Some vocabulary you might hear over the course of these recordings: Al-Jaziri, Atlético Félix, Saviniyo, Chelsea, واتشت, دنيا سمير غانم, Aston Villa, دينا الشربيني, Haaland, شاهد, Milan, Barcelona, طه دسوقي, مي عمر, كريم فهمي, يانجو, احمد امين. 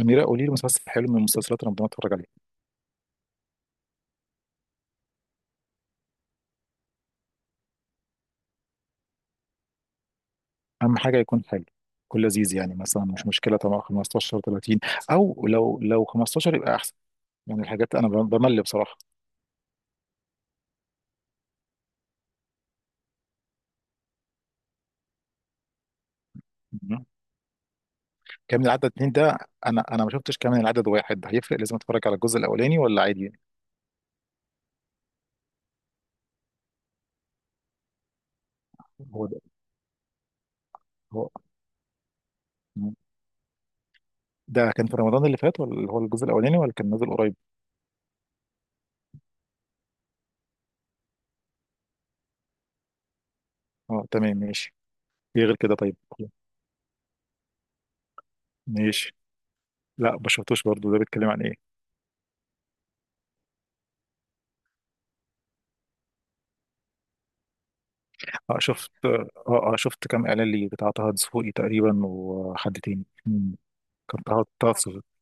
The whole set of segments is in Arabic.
أميرة، قولي لي مسلسل حلو من مسلسلات رمضان اتفرج عليه. أهم حاجة يكون حلو، يكون لذيذ. يعني مثلا مش مشكلة طبعا 15 30. أو لو 15 يبقى أحسن. يعني الحاجات أنا بمل بصراحة. مهم. كامل العدد اتنين ده. أنا ما شفتش كامل العدد واحد ده، هيفرق؟ لازم أتفرج على الجزء الأولاني ولا عادي يعني؟ هو ده. هو. مم. ده كان في رمضان اللي فات ولا اللي هو الجزء الأولاني، ولا كان نازل قريب؟ أه تمام ماشي. إيه غير كده طيب؟ ماشي. لا، ما شفتوش برضه. ده بيتكلم عن إيه؟ أه، شفت. اه شفت كام اعلان ليه بتاع طه دسوقي تقريبا، وحد تاني. مم. كان طه دسوقي.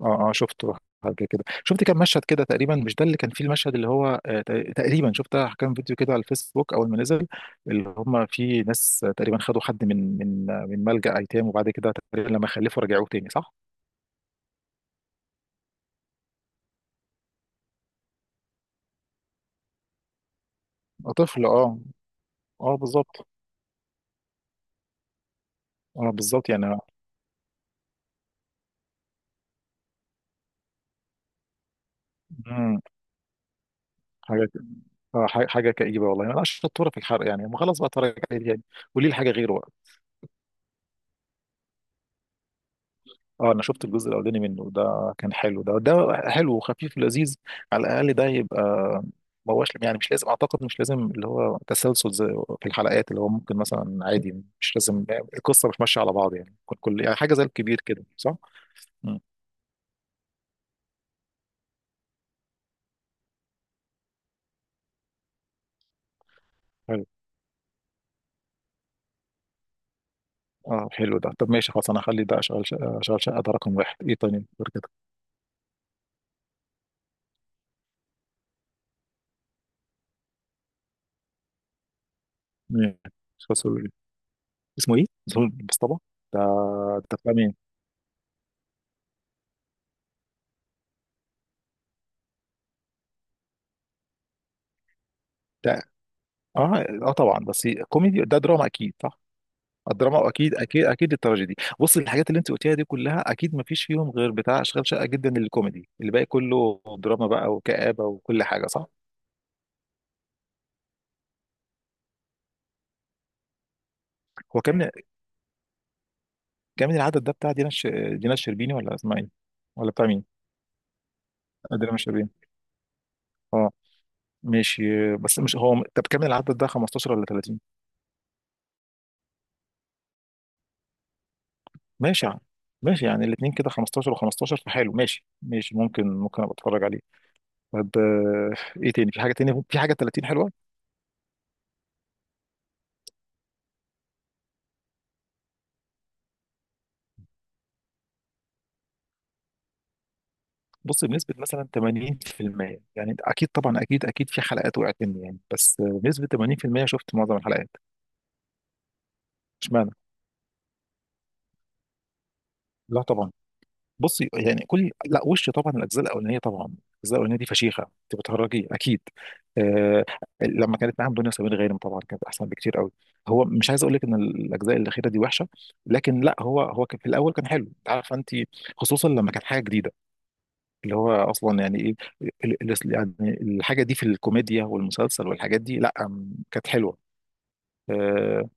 اه شفته. حاجه كده، شفت كام مشهد كده تقريبا. مش ده اللي كان فيه المشهد اللي هو تقريبا شفت كام فيديو كده على الفيسبوك اول ما نزل. اللي هم فيه ناس، تقريبا خدوا حد من ملجأ ايتام، وبعد كده تقريبا لما خلفوا رجعوه تاني، صح؟ آه، طفل، اه. اه بالظبط. اه بالظبط يعني. مم. حاجه. اه، حاجه كئيبه والله. انا شطوره في الحرق يعني. ما خلاص بقى، اتفرج عليه يعني. قولي لي حاجه غيره. اه، انا شفت الجزء الاولاني منه، ده كان حلو. ده حلو وخفيف ولذيذ. على الاقل ده يبقى. ما هوش يعني مش لازم، اعتقد مش لازم اللي هو تسلسل زي في الحلقات، اللي هو ممكن مثلا عادي، مش لازم القصه مش ماشيه على بعض يعني. يعني حاجه زي الكبير كده، صح؟ مم. حلو. اه حلو ده. طب ماشي، خلاص انا هخلي ده اشغل شقه ده رقم واحد. ايه تاني غير كده؟ مم. خلاص. اسمه ايه؟ زهور المصطبة، ده. ده بتاع مين؟ ده، اه طبعا. بس كوميدي، ده دراما اكيد، صح؟ الدراما اكيد اكيد اكيد التراجيدي. بص، الحاجات اللي انت قلتيها دي كلها اكيد ما فيش فيهم غير بتاع اشغال شقه جدا الكوميدي، الباقي كله دراما بقى وكآبه وكل حاجه، صح. هو كام، كام العدد ده بتاع دينا الش... دينا الشربيني ولا اسمها ايه؟ ولا بتاع مين؟ آه، دينا الشربيني. اه. ماشي. بس مش هو. طب، كام العدد ده 15 ولا 30؟ ماشي يعني. ماشي يعني الاثنين كده 15 و15 فحلو. ماشي ماشي. ممكن ابقى اتفرج عليه. طب. ايه تاني؟ في حاجه تانية، في حاجه 30 حلوه؟ بص، بنسبة مثلا 80% يعني، انت اكيد طبعا، اكيد اكيد في حلقات وقعت مني يعني، بس بنسبة 80% شفت معظم الحلقات. اشمعنى؟ لا طبعا. بصي يعني، كل، لا وش، طبعا الاجزاء الاولانيه. طبعا الاجزاء الاولانيه دي فشيخه، انت بتهرجي اكيد. آه. لما كانت معاهم دنيا سمير غانم طبعا كانت احسن بكتير قوي. هو مش عايز اقول لك ان الاجزاء الاخيره دي وحشه. لكن لا. هو كان في الاول كان حلو، عارفه انت. خصوصا لما كانت حاجه جديده، اللي هو اصلا يعني ايه، يعني الحاجه دي في الكوميديا والمسلسل والحاجات دي، لا كانت حلوه. آه،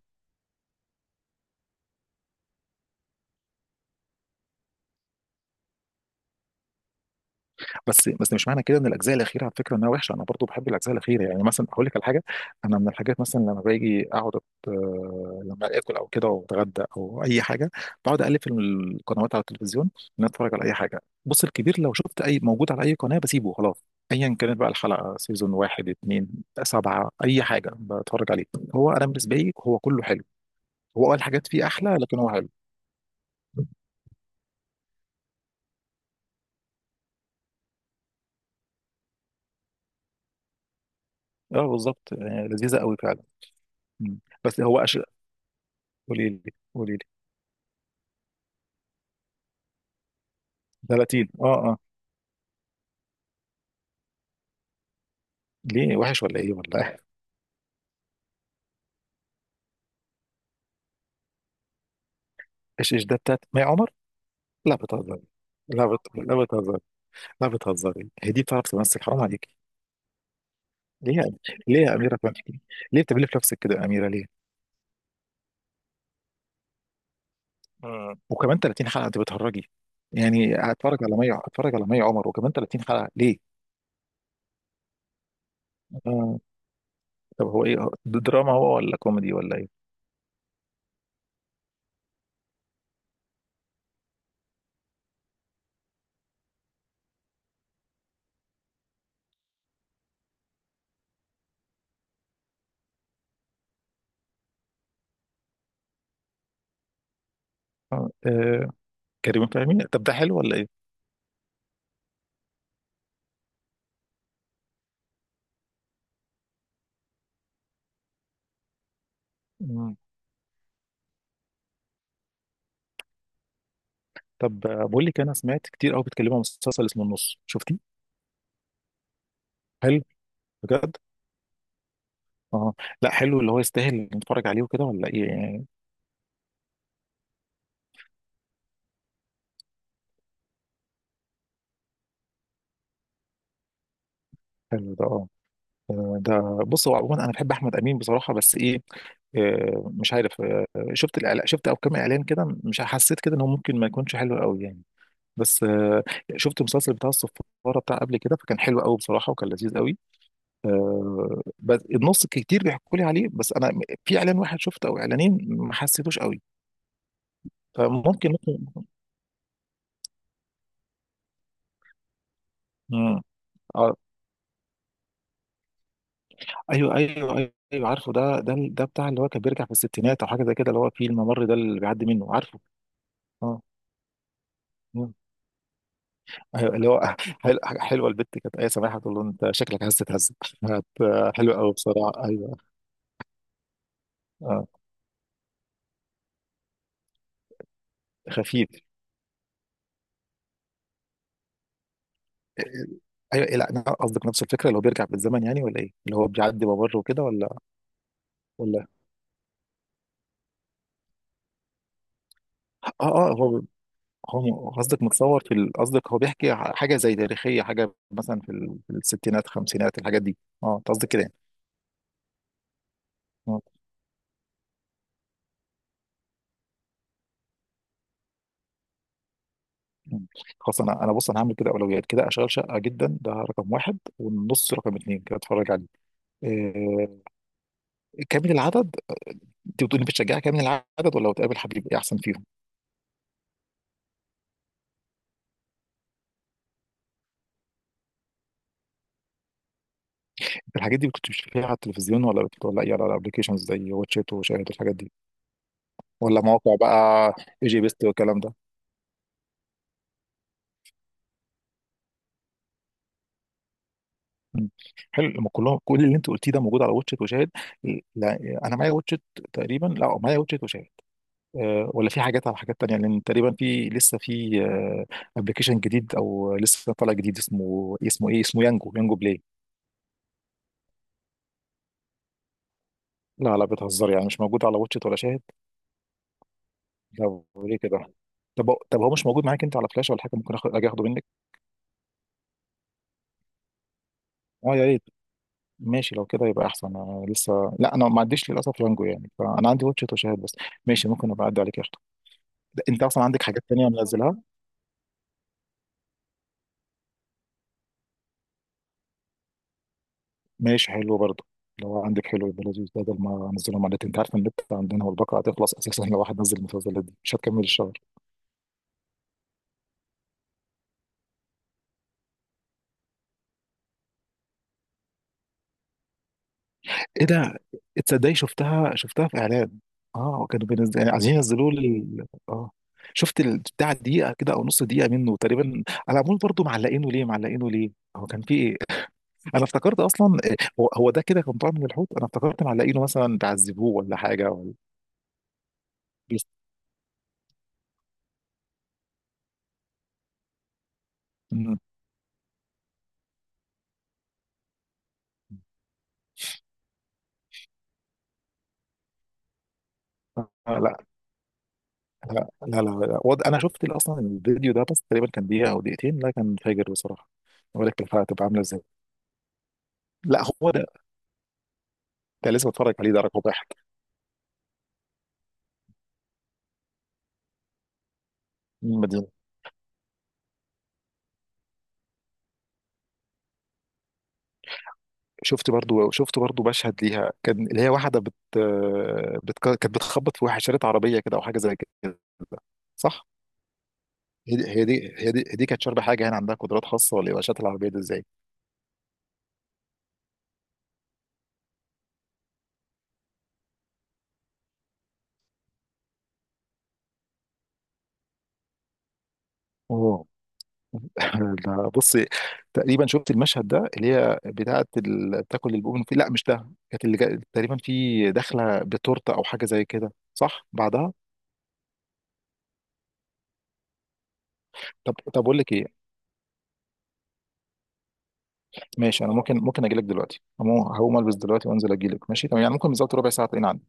بس مش معنى كده ان الاجزاء الاخيره، على فكره، انها وحشه. انا برضو بحب الاجزاء الاخيره، يعني مثلا اقول لك على حاجه. انا من الحاجات مثلا لما باجي اقعد لما اكل او كده واتغدى او اي حاجه، بقعد اقلب في القنوات على التلفزيون، ان أنا اتفرج على اي حاجه. بص، الكبير لو شفت اي موجود على اي قناه بسيبه خلاص، ايا كانت بقى الحلقه، سيزون واحد، اتنين، سبعه، اي حاجه بتفرج عليه. هو انا بالنسبه لي هو كله حلو. هو قال حاجات فيه احلى، لكن هو حلو. اه بالظبط. لذيذه قوي فعلا. مم. بس هو أش... قولي لي، قولي لي. 30. اه. ليه وحش ولا ايه ولا إيه؟ ايش ايش ده بتاعت مي عمر؟ لا بتهزري. لا لا بتهزري. لا بتهزري، هي دي بتعرف تمثل؟ حرام عليكي. ليه ليه يا اميره فهمي؟ ليه بتعملي في نفسك كده يا اميره ليه؟ مم. وكمان 30 حلقه، انت بتهرجي؟ يعني هتفرج على مي عمر، وكمان 30 حلقه، ليه؟ آه. طب، هو ايه؟ ده دراما هو ولا كوميدي ولا ايه؟ آه. كريم فهمي، طب ده حلو ولا ايه؟ مم. طب، بقول لك، انا سمعت كتير قوي بيتكلموا عن مسلسل اسمه النص، شفتيه؟ حلو. بجد. اه. لا حلو، اللي هو يستاهل نتفرج عليه وكده، ولا ايه يعني؟ حلو ده، اه. ده. بص، هو عموما انا بحب احمد امين بصراحه، بس ايه، مش عارف، شفت شفت او كام اعلان كده، مش حسيت كده انه ممكن ما يكونش حلو قوي يعني. بس. شفت المسلسل بتاع الصفاره بتاع قبل كده، فكان حلو قوي بصراحه وكان لذيذ قوي. بس النص كتير بيحكوا لي عليه، بس انا في اعلان واحد شفته او اعلانين ما حسيتوش قوي. فممكن ممكن مم. آه، ايوه ايوه. ايوه عارفه ده. ده بتاع اللي هو كان بيرجع في الستينات او حاجه زي كده، اللي هو فيه الممر ده اللي بيعدي منه، عارفه. اه. مم. ايوه، اللي هو حلوه، البت كانت ايه، سماحه، تقول له انت شكلك عايز تتهز هت... حلو قوي بصراحه، ايوه. اه. خفيف. آه، ايوه. إيه، لا انا قصدك نفس الفكره اللي هو بيرجع بالزمن يعني، ولا ايه، اللي هو بيعدي ممر وكده، ولا. ولا. اه. هو، هو قصدك متصور قصدك هو بيحكي حاجة زي تاريخية، حاجة مثلا في الستينات خمسينات، الحاجات دي. اه، انت قصدك كده يعني. آه، مم. خلاص. انا بص، انا هعمل كده اولويات كده. اشغال شقة جدا ده رقم واحد، والنص رقم اتنين، كده اتفرج عليه. آه. كامل العدد، انت بتقولي بتشجعي كامل العدد ولا بتقابل حبيب، ايه احسن فيهم؟ الحاجات دي كنت بتشوفيها على التلفزيون ولا ولا ايه، على الابلكيشنز زي واتشيت وشاهد الحاجات دي، ولا مواقع بقى، اي جي بيست والكلام ده؟ مم. حلو، لما كلهم، كل اللي انت قلتيه ده موجود على واتشت وشاهد. لا، انا معايا واتشت، تقريبا لا معايا واتشت وشاهد. أه، ولا في حاجات على حاجات تانية، لان تقريبا في لسه في ابلكيشن جديد او لسه طالع جديد اسمه، اسمه ايه اسمه يانجو، يانجو بلاي. لا لا بتهزر يعني، مش موجود على واتشت ولا شاهد؟ طب ليه كده؟ طب هو مش موجود معاك انت على فلاش ولا حاجه؟ ممكن اخد، اجي اخده منك. اه يا ريت. ماشي لو كده يبقى احسن، انا لسه، لا انا ما عنديش للاسف يانجو يعني، فانا عندي واتشت وشاهد بس. ماشي ممكن ابقى اعدي عليك. انت اصلا عندك حاجات تانية منزلها؟ ماشي حلو برضه، لو عندك حلو يبقى لذيذ، بدل ما انزلهم على النت. انت عارف ان النت عندنا والباقه هتخلص اساسا، لو واحد نزل المسلسلات دي مش هتكمل الشهر. ايه ده؟ تصدقي شفتها في اعلان. اه، كانوا بينزل يعني، عايزين ينزلوه لل، اه. شفت البتاع دقيقه كده او نص دقيقه منه تقريبا على عمول برضه. معلقينه ليه، معلقينه ليه؟ هو كان في ايه؟ انا افتكرت اصلا، هو ده كده كان طالع من الحوت، انا افتكرت معلقينه مثلا بيعذبوه ولا حاجه، ولا. بيست... مم. لا لا لا لا, لا. وض... انا شفت اصلا الفيديو ده بس تقريبا كان دقيقه او دقيقتين، لا كان فاجر بصراحه. ما بالك الحلقه تبقى عامله ازاي. لا هو ده. ده لسه بتفرج عليه، ده رقم واحد. من المدينه. شفت برضو مشهد ليها كان، اللي هي واحده بت... بت... كانت بتخبط في واحد شريط عربيه كده او حاجه زي كده، صح. هي دي كانت شاربه حاجه هنا، عندها قدرات خاصه ولا ايه، شات العربيه دي ازاي؟ اوه. لا، بصي. تقريبا شفت المشهد ده، اللي هي بتاعه بتاكل البومن في، لا مش ده. كانت اللي جا... تقريبا في داخله بتورته او حاجه زي كده، صح، بعدها. طب اقول لك ايه. ماشي، انا ممكن اجي لك دلوقتي. هقوم البس دلوقتي وانزل اجي لك. ماشي تمام يعني، ممكن بالظبط ربع ساعه تلاقيني عندي.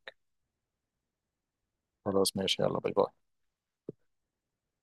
خلاص ماشي، يلا باي باي.